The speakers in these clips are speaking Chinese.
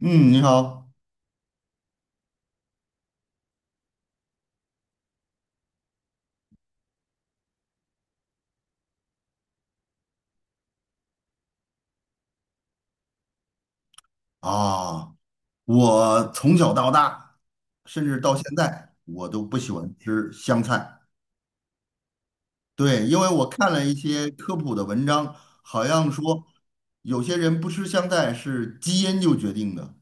嗯，你好啊！我从小到大，甚至到现在，我都不喜欢吃香菜。对，因为我看了一些科普的文章，好像说有些人不吃香菜是基因就决定的，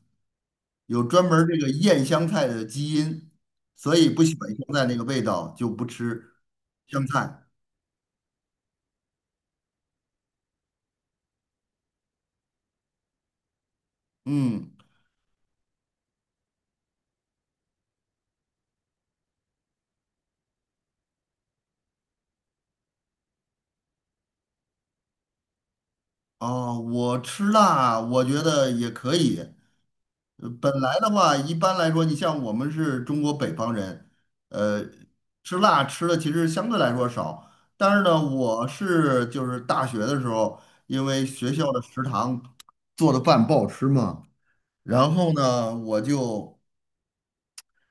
有专门儿这个厌香菜的基因，所以不喜欢香菜那个味道就不吃香菜。嗯，啊，我吃辣，我觉得也可以。本来的话，一般来说，你像我们是中国北方人，呃，吃辣吃的其实相对来说少。但是呢，我是就是大学的时候，因为学校的食堂做的饭不好吃嘛，然后呢，我就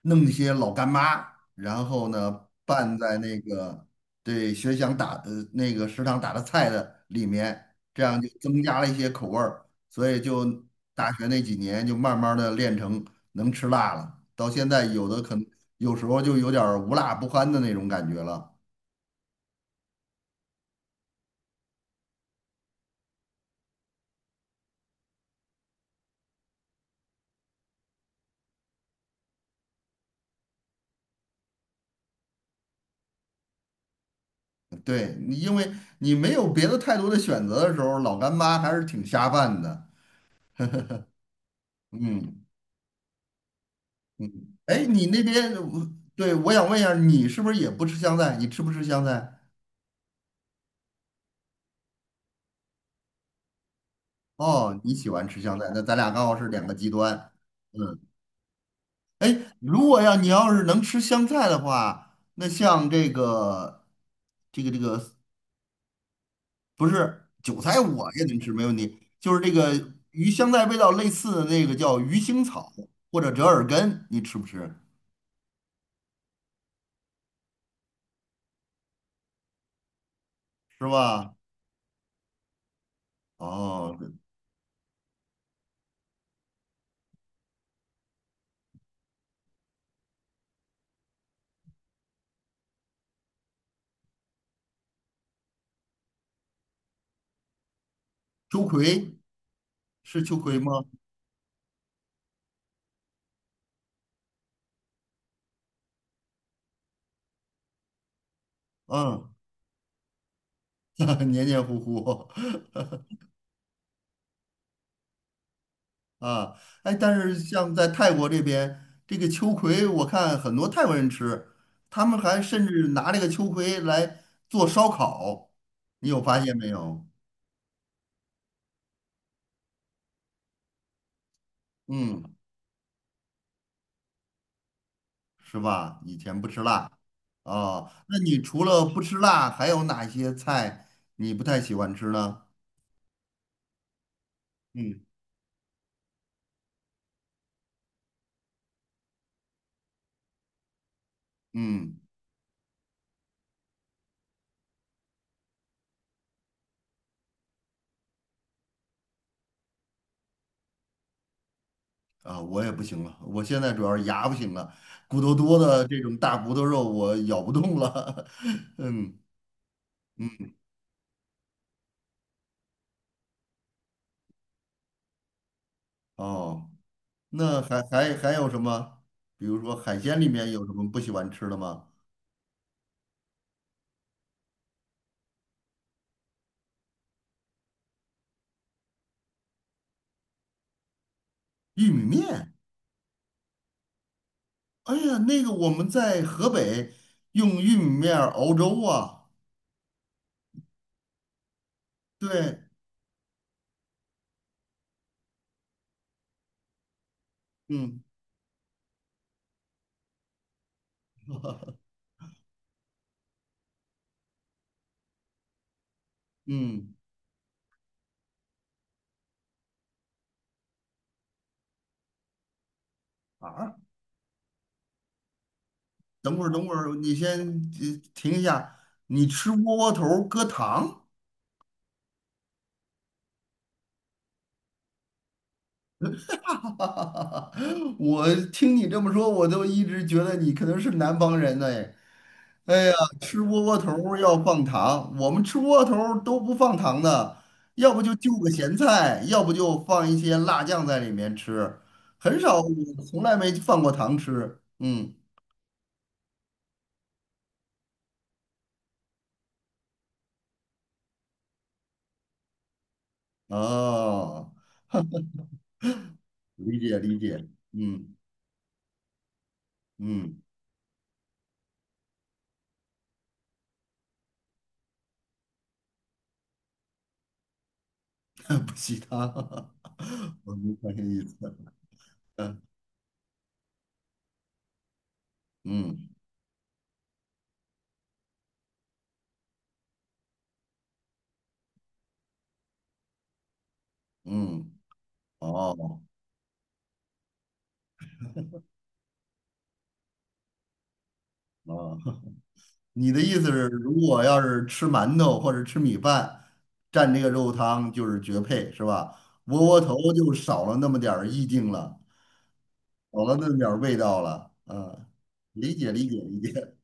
弄一些老干妈，然后呢拌在那个对学校打的那个食堂打的菜的里面，这样就增加了一些口味儿，所以就大学那几年就慢慢的练成能吃辣了，到现在有的可能有时候就有点儿无辣不欢的那种感觉了。对，你因为你没有别的太多的选择的时候，老干妈还是挺下饭的。嗯，哎，你那边，对，我想问一下，你是不是也不吃香菜？你吃不吃香菜？哦，你喜欢吃香菜，那咱俩刚好是两个极端。嗯，哎，如果要你要是能吃香菜的话，那像这个这个不是韭菜，我也能吃，没问题。就是这个与香菜味道类似的那个叫鱼腥草或者折耳根，你吃不吃？是吧？哦，秋葵是秋葵吗？嗯，黏黏糊糊。啊，哎，但是像在泰国这边，这个秋葵我看很多泰国人吃，他们还甚至拿这个秋葵来做烧烤，你有发现没有？嗯，是吧？以前不吃辣哦，那你除了不吃辣，还有哪些菜你不太喜欢吃呢？嗯嗯，啊，我也不行了，我现在主要是牙不行了，骨头多的这种大骨头肉我咬不动了。嗯，哦。那还有什么？比如说海鲜里面有什么不喜欢吃的吗？玉米面，哎呀，那个我们在河北用玉米面儿熬粥啊。对，嗯嗯，啊，等会儿等会儿，你先停一下，你吃窝窝头儿搁糖？我听你这么说，我都一直觉得你可能是南方人呢。哎哎呀，吃窝窝头儿要放糖，我们吃窝窝头儿都不放糖的，要不就个咸菜，要不就放一些辣酱在里面吃，很少，我从来没放过糖吃。嗯，哦，理解理解，嗯嗯，不吸糖，我没发现意思。嗯嗯，哦哦。你的意思是，如果要是吃馒头或者吃米饭，蘸这个肉汤就是绝配，是吧？窝窝头就少了那么点儿意境了，少了那么点儿味道了。嗯，理解理解理解。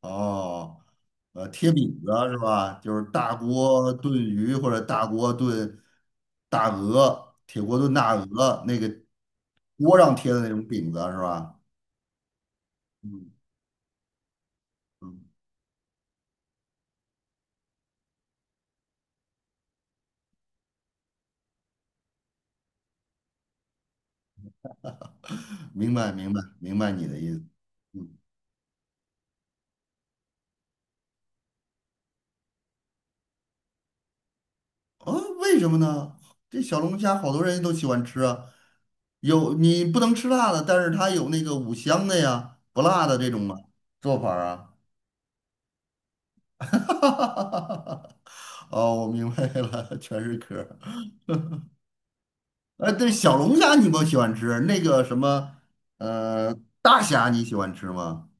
哦，贴饼子是吧？就是大锅炖鱼或者大锅炖大鹅，铁锅炖大鹅，那个锅上贴的那种饼子是吧？嗯嗯，明白明白明白你的意思。啊，为什么呢？这小龙虾好多人都喜欢吃啊，有你不能吃辣的，但是它有那个五香的呀，不辣的这种嘛做法儿啊。哦，我明白了，全是壳儿。哎，对，小龙虾你不喜欢吃，那个什么，呃，大虾你喜欢吃吗？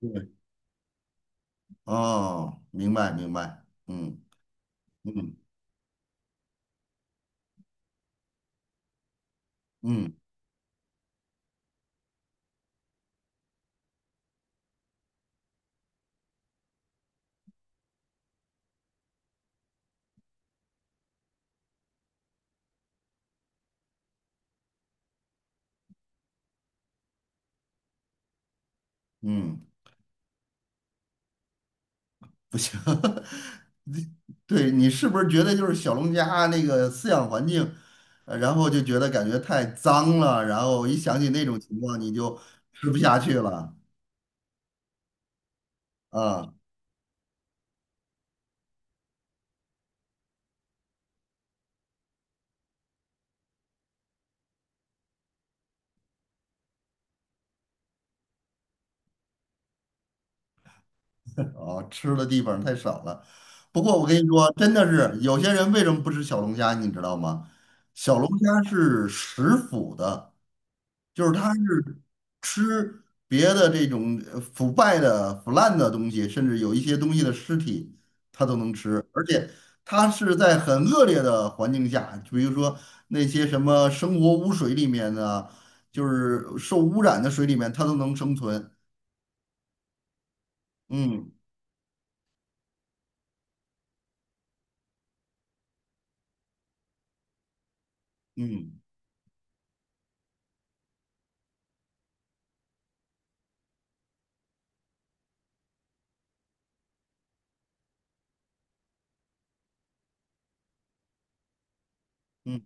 对，哦，明白明白，嗯嗯嗯嗯。不行，你对你是不是觉得就是小龙虾那个饲养环境，然后就觉得感觉太脏了，然后一想起那种情况你就吃不下去了啊，哦，吃的地方太少了。不过我跟你说，真的是有些人为什么不吃小龙虾，你知道吗？小龙虾是食腐的。就是他是吃别的这种腐败的、腐烂的东西，甚至有一些东西的尸体，他都能吃，而且他是在很恶劣的环境下，就比如说那些什么生活污水里面的，就是受污染的水里面，它都能生存。嗯嗯嗯，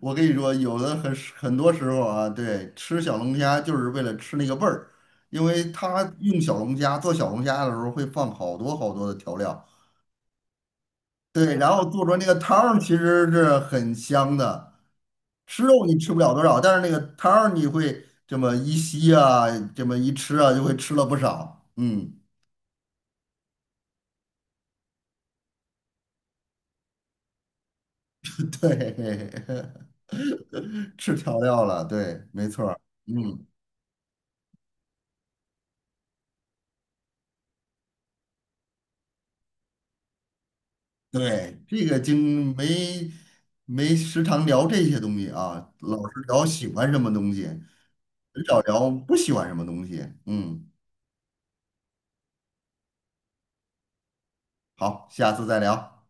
我跟你说，有的很多时候啊，对，吃小龙虾就是为了吃那个味儿，因为他用小龙虾做小龙虾的时候会放好多好多的调料。对，然后做出来那个汤儿其实是很香的，吃肉你吃不了多少，但是那个汤儿你会这么一吸啊，这么一吃啊，就会吃了不少。嗯，对，吃调料了，对，没错儿嗯，对，这个经没没时常聊这些东西啊，老是聊喜欢什么东西，很少聊不喜欢什么东西。嗯，好，下次再聊。